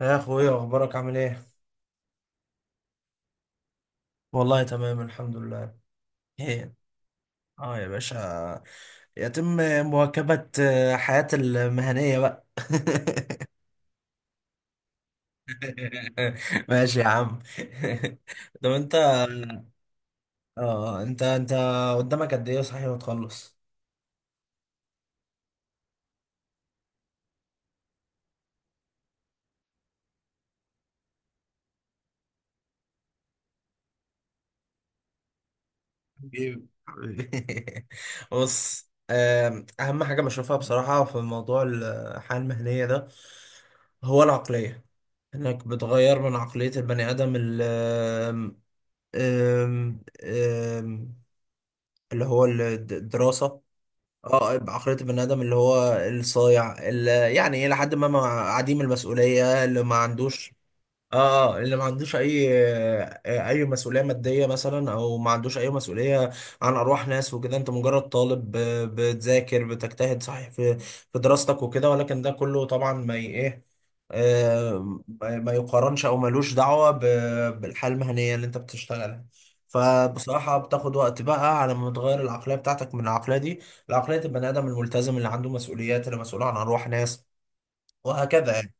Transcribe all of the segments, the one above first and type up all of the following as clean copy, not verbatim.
يا اخويا، اخبارك عامل ايه؟ والله تمام الحمد لله. ايه؟ اه يا باشا، يتم مواكبة، حياتي المهنية بقى. ماشي يا عم. طب انت، انت قدامك قد ايه صحيح وتخلص؟ حبيبي حبيبي. بص، اهم حاجة بشوفها بصراحة في موضوع الحياة المهنية ده هو العقلية. انك بتغير من عقلية البني ادم أم- أم، اللي هو الدراسة، اه بعقلية البني آدم اللي هو الصايع اللي يعني إلى حد ما عديم المسؤولية، اه اللي ما عندوش اي، اي مسؤوليه ماديه مثلا، او ما عندوش اي مسؤوليه عن ارواح ناس وكده. انت مجرد طالب، بتذاكر بتجتهد صحيح في دراستك وكده، ولكن ده كله طبعا ما ي- ايه آه، ما ما يقارنش او ملوش دعوه بالحياه المهنيه اللي انت بتشتغلها. فبصراحه بتاخد وقت بقى على ما تغير العقليه بتاعتك من العقليه دي لعقليه البني ادم الملتزم، اللي عنده مسؤوليات، اللي مسؤول عن ارواح ناس وهكذا يعني.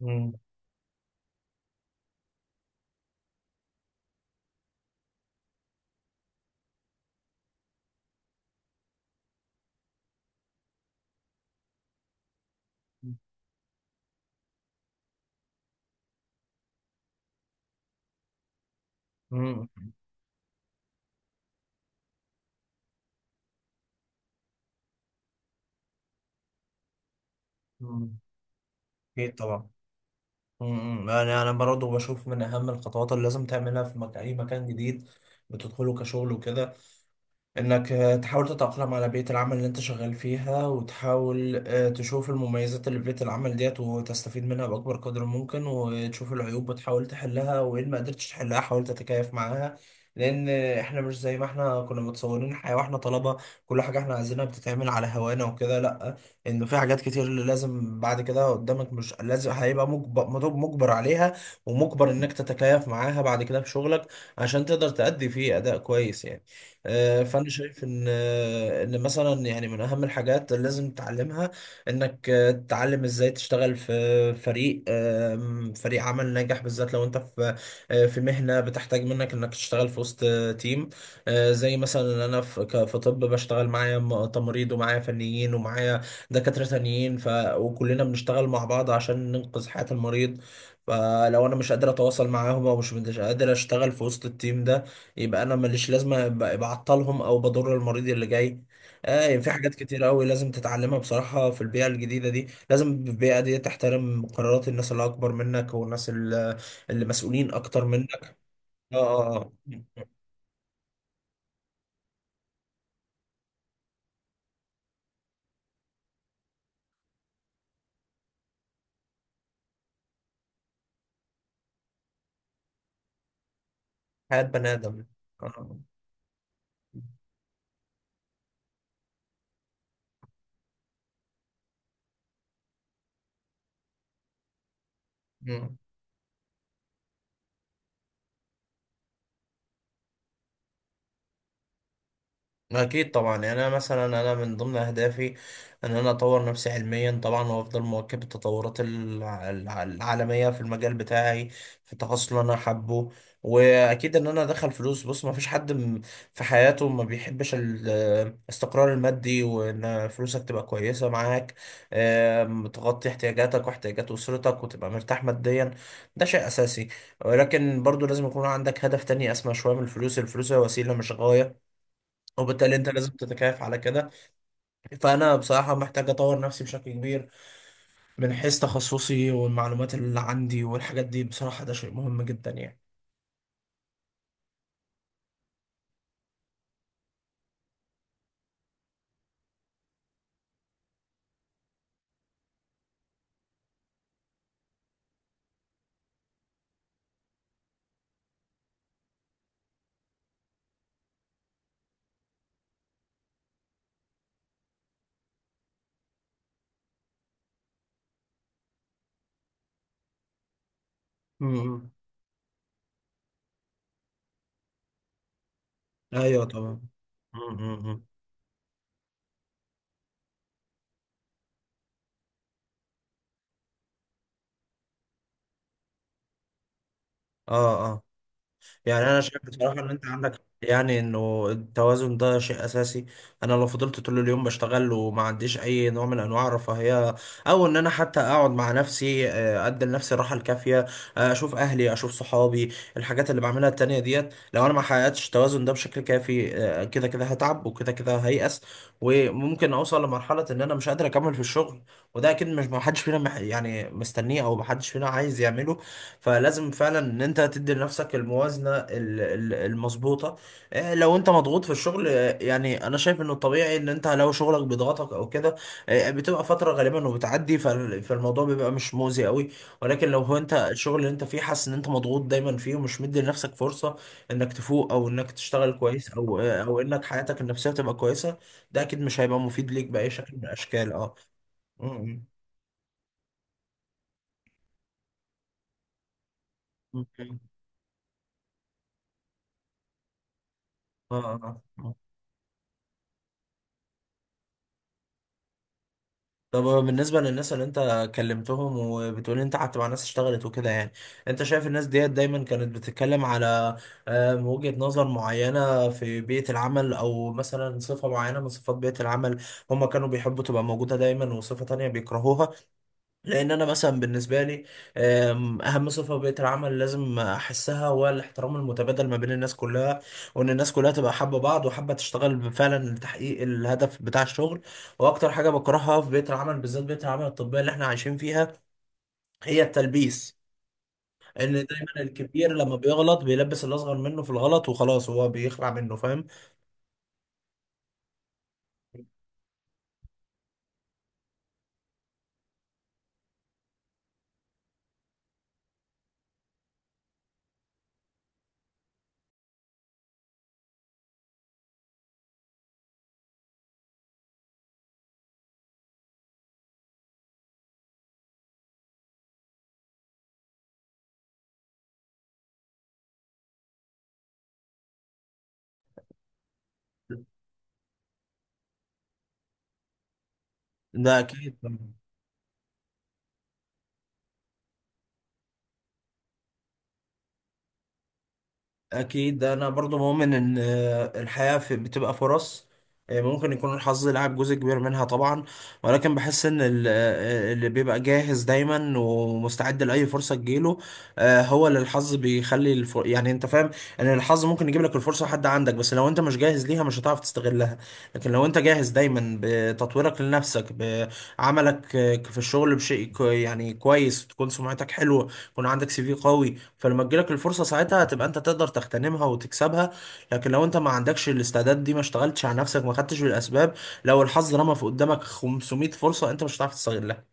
مم. مم. مم. أكيد طبعا. يعني أنا برضه بشوف من أهم الخطوات اللي لازم تعملها في أي مكان جديد بتدخله كشغل وكده، انك تحاول تتأقلم على بيئة العمل اللي انت شغال فيها، وتحاول تشوف المميزات اللي في بيئة العمل ديت وتستفيد منها بأكبر قدر ممكن، وتشوف العيوب وتحاول تحلها، وإن ما قدرتش تحلها حاول تتكيف معاها. لأن احنا مش زي ما احنا كنا متصورين الحياة واحنا طلبة كل حاجة احنا عايزينها بتتعمل على هوانا وكده. لأ، إنه في حاجات كتير اللي لازم بعد كده قدامك، مش لازم هيبقى مجبر مجبر عليها، ومجبر إنك تتكيف معاها بعد كده في شغلك عشان تقدر تأدي فيه أداء كويس يعني. فانا شايف ان، ان مثلا يعني من اهم الحاجات اللي لازم تتعلمها انك تتعلم ازاي تشتغل في فريق، فريق عمل ناجح، بالذات لو انت في، في مهنه بتحتاج منك انك تشتغل في وسط، تيم. زي مثلا انا في في طب بشتغل معايا تمريض ومعايا فنيين ومعايا دكاتره تانيين وكلنا بنشتغل مع بعض عشان ننقذ حياه المريض. فلو انا مش قادر اتواصل معاهم، او مش قادر اشتغل في وسط التيم ده، يبقى انا ماليش لازمه، بعطلهم او بضر المريض اللي جاي. آه، يعني في حاجات كتير قوي لازم تتعلمها بصراحه في البيئه الجديده دي. لازم البيئه دي تحترم قرارات الناس اللي اكبر منك، والناس اللي مسؤولين اكتر منك. اه، آه، آه. حياه بني ادم. آه. مم. أكيد طبعا. يعني أنا مثلا، أنا من ضمن أهدافي إن أنا أطور نفسي علميا طبعا، وأفضل مواكب التطورات العالمية في المجال بتاعي، في التخصص اللي أنا حابه. وأكيد إن أنا أدخل فلوس. بص، ما فيش حد في حياته ما بيحبش الاستقرار المادي، وإن فلوسك تبقى كويسة معاك، تغطي احتياجاتك واحتياجات أسرتك وتبقى مرتاح ماديا. ده شيء أساسي. ولكن برضو لازم يكون عندك هدف تاني أسمى شوية من الفلوس. الفلوس هي وسيلة مش غاية، وبالتالي انت لازم تتكيف على كده. فانا بصراحه محتاج اطور نفسي بشكل كبير من حيث تخصصي والمعلومات اللي عندي والحاجات دي. بصراحه ده شيء مهم جدا يعني. امم ايوه طبعا. م. اه، اه. يعني انا شايف بصراحه ان انت عندك، يعني انه التوازن ده شيء اساسي. انا لو فضلت طول اليوم بشتغل وما عنديش اي نوع من انواع الرفاهيه، او ان انا حتى اقعد مع نفسي، ادي لنفسي الراحه الكافيه، اشوف اهلي اشوف صحابي الحاجات اللي بعملها التانية ديت، لو انا ما حققتش التوازن ده بشكل كافي، كده كده هتعب وكده كده هيأس، وممكن اوصل لمرحله ان انا مش قادر اكمل في الشغل. وده اكيد مش، ما حدش فينا يعني مستنيه، او ما حدش فينا عايز يعمله. فلازم فعلا ان انت تدي لنفسك الموازنه المظبوطه. لو انت مضغوط في الشغل، يعني انا شايف انه الطبيعي ان انت لو شغلك بيضغطك او كده، بتبقى فتره غالبا وبتعدي فالموضوع بيبقى مش مؤذي قوي. ولكن لو هو انت الشغل اللي انت فيه حاسس ان انت مضغوط دايما فيه، ومش مدي لنفسك فرصه انك تفوق، او انك تشتغل كويس، او او انك حياتك النفسيه تبقى كويسه، ده اكيد مش هيبقى مفيد ليك باي شكل من الاشكال. اه. م- م- م. اه، اه. طب بالنسبة للناس اللي انت كلمتهم، وبتقول انت قعدت مع ناس اشتغلت وكده، يعني انت شايف الناس ديت دايما كانت بتتكلم على، وجهة نظر معينة في بيئة العمل، او مثلا صفة معينة من صفات بيئة العمل هم كانوا بيحبوا تبقى موجودة دايما، وصفة تانية بيكرهوها؟ لان انا مثلا بالنسبه لي، اهم صفه في بيئه العمل لازم احسها هو الاحترام المتبادل ما بين الناس كلها، وان الناس كلها تبقى حابه بعض وحابه تشتغل فعلا لتحقيق الهدف بتاع الشغل. واكتر حاجه بكرهها في بيئه العمل، بالذات بيئه العمل الطبيه اللي احنا عايشين فيها، هي التلبيس. ان دايما الكبير لما بيغلط بيلبس الاصغر منه في الغلط وخلاص هو بيخلع منه، فاهم؟ ده اكيد. اكيد انا برضو مؤمن ان، الحياة في بتبقى فرص. ممكن يكون الحظ لعب جزء كبير منها طبعا، ولكن بحس ان اللي بيبقى جاهز دايما ومستعد لاي فرصة تجيله، هو اللي الحظ بيخلي يعني انت فاهم. ان الحظ ممكن يجيب لك الفرصة حد عندك، بس لو انت مش جاهز ليها مش هتعرف تستغلها. لكن لو انت جاهز دايما بتطويرك لنفسك، بعملك، في الشغل بشيء يعني كويس، تكون سمعتك حلوة، يكون عندك سي في قوي، فلما تجيلك الفرصة ساعتها هتبقى انت تقدر تغتنمها وتكسبها. لكن لو انت ما عندكش الاستعداد دي، ما اشتغلتش على نفسك، ما خدتش بالاسباب، لو الحظ رمى في قدامك 500 فرصة انت مش هتعرف تستغلها.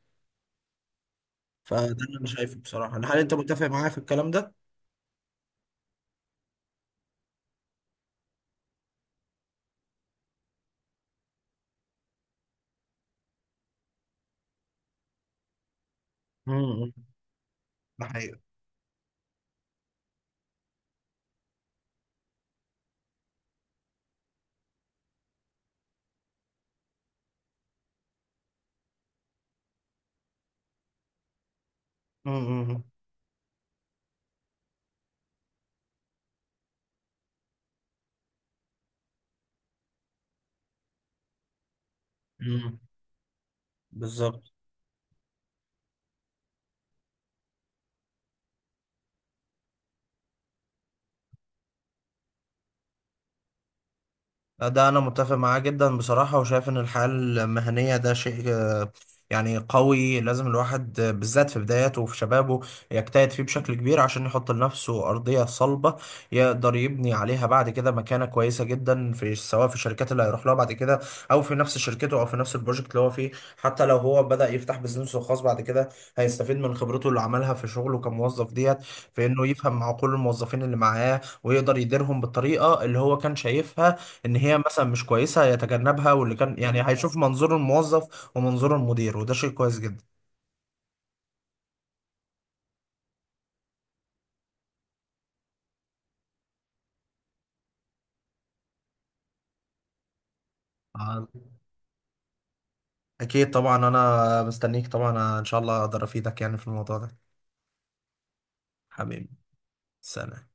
فده اللي انا شايفه بصراحة. هل انت متفق معايا في الكلام ده؟ امم. ده حقيقة. امم. بالظبط. ده أنا متفق معاه جدا بصراحة، وشايف إن الحياة المهنية ده شيء، يعني قوي لازم الواحد، بالذات في بداياته وفي شبابه يجتهد فيه بشكل كبير عشان يحط لنفسه أرضية صلبة يقدر يبني عليها بعد كده مكانة كويسة جدا، في سواء في الشركات اللي هيروح لها بعد كده، أو في نفس شركته، أو في نفس البروجكت اللي هو فيه. حتى لو هو بدأ يفتح بزنسه الخاص بعد كده، هيستفيد من خبرته اللي عملها في شغله كموظف ديت، في إنه يفهم مع كل الموظفين اللي معاه ويقدر يديرهم بالطريقة اللي هو كان شايفها ان هي مثلا مش كويسه هيتجنبها، واللي كان يعني هيشوف منظور الموظف ومنظور المدير، وده شيء كويس جدا. آه، اكيد طبعا، انا مستنيك طبعا، ان شاء الله اقدر افيدك يعني في الموضوع ده. حبيبي. سلام.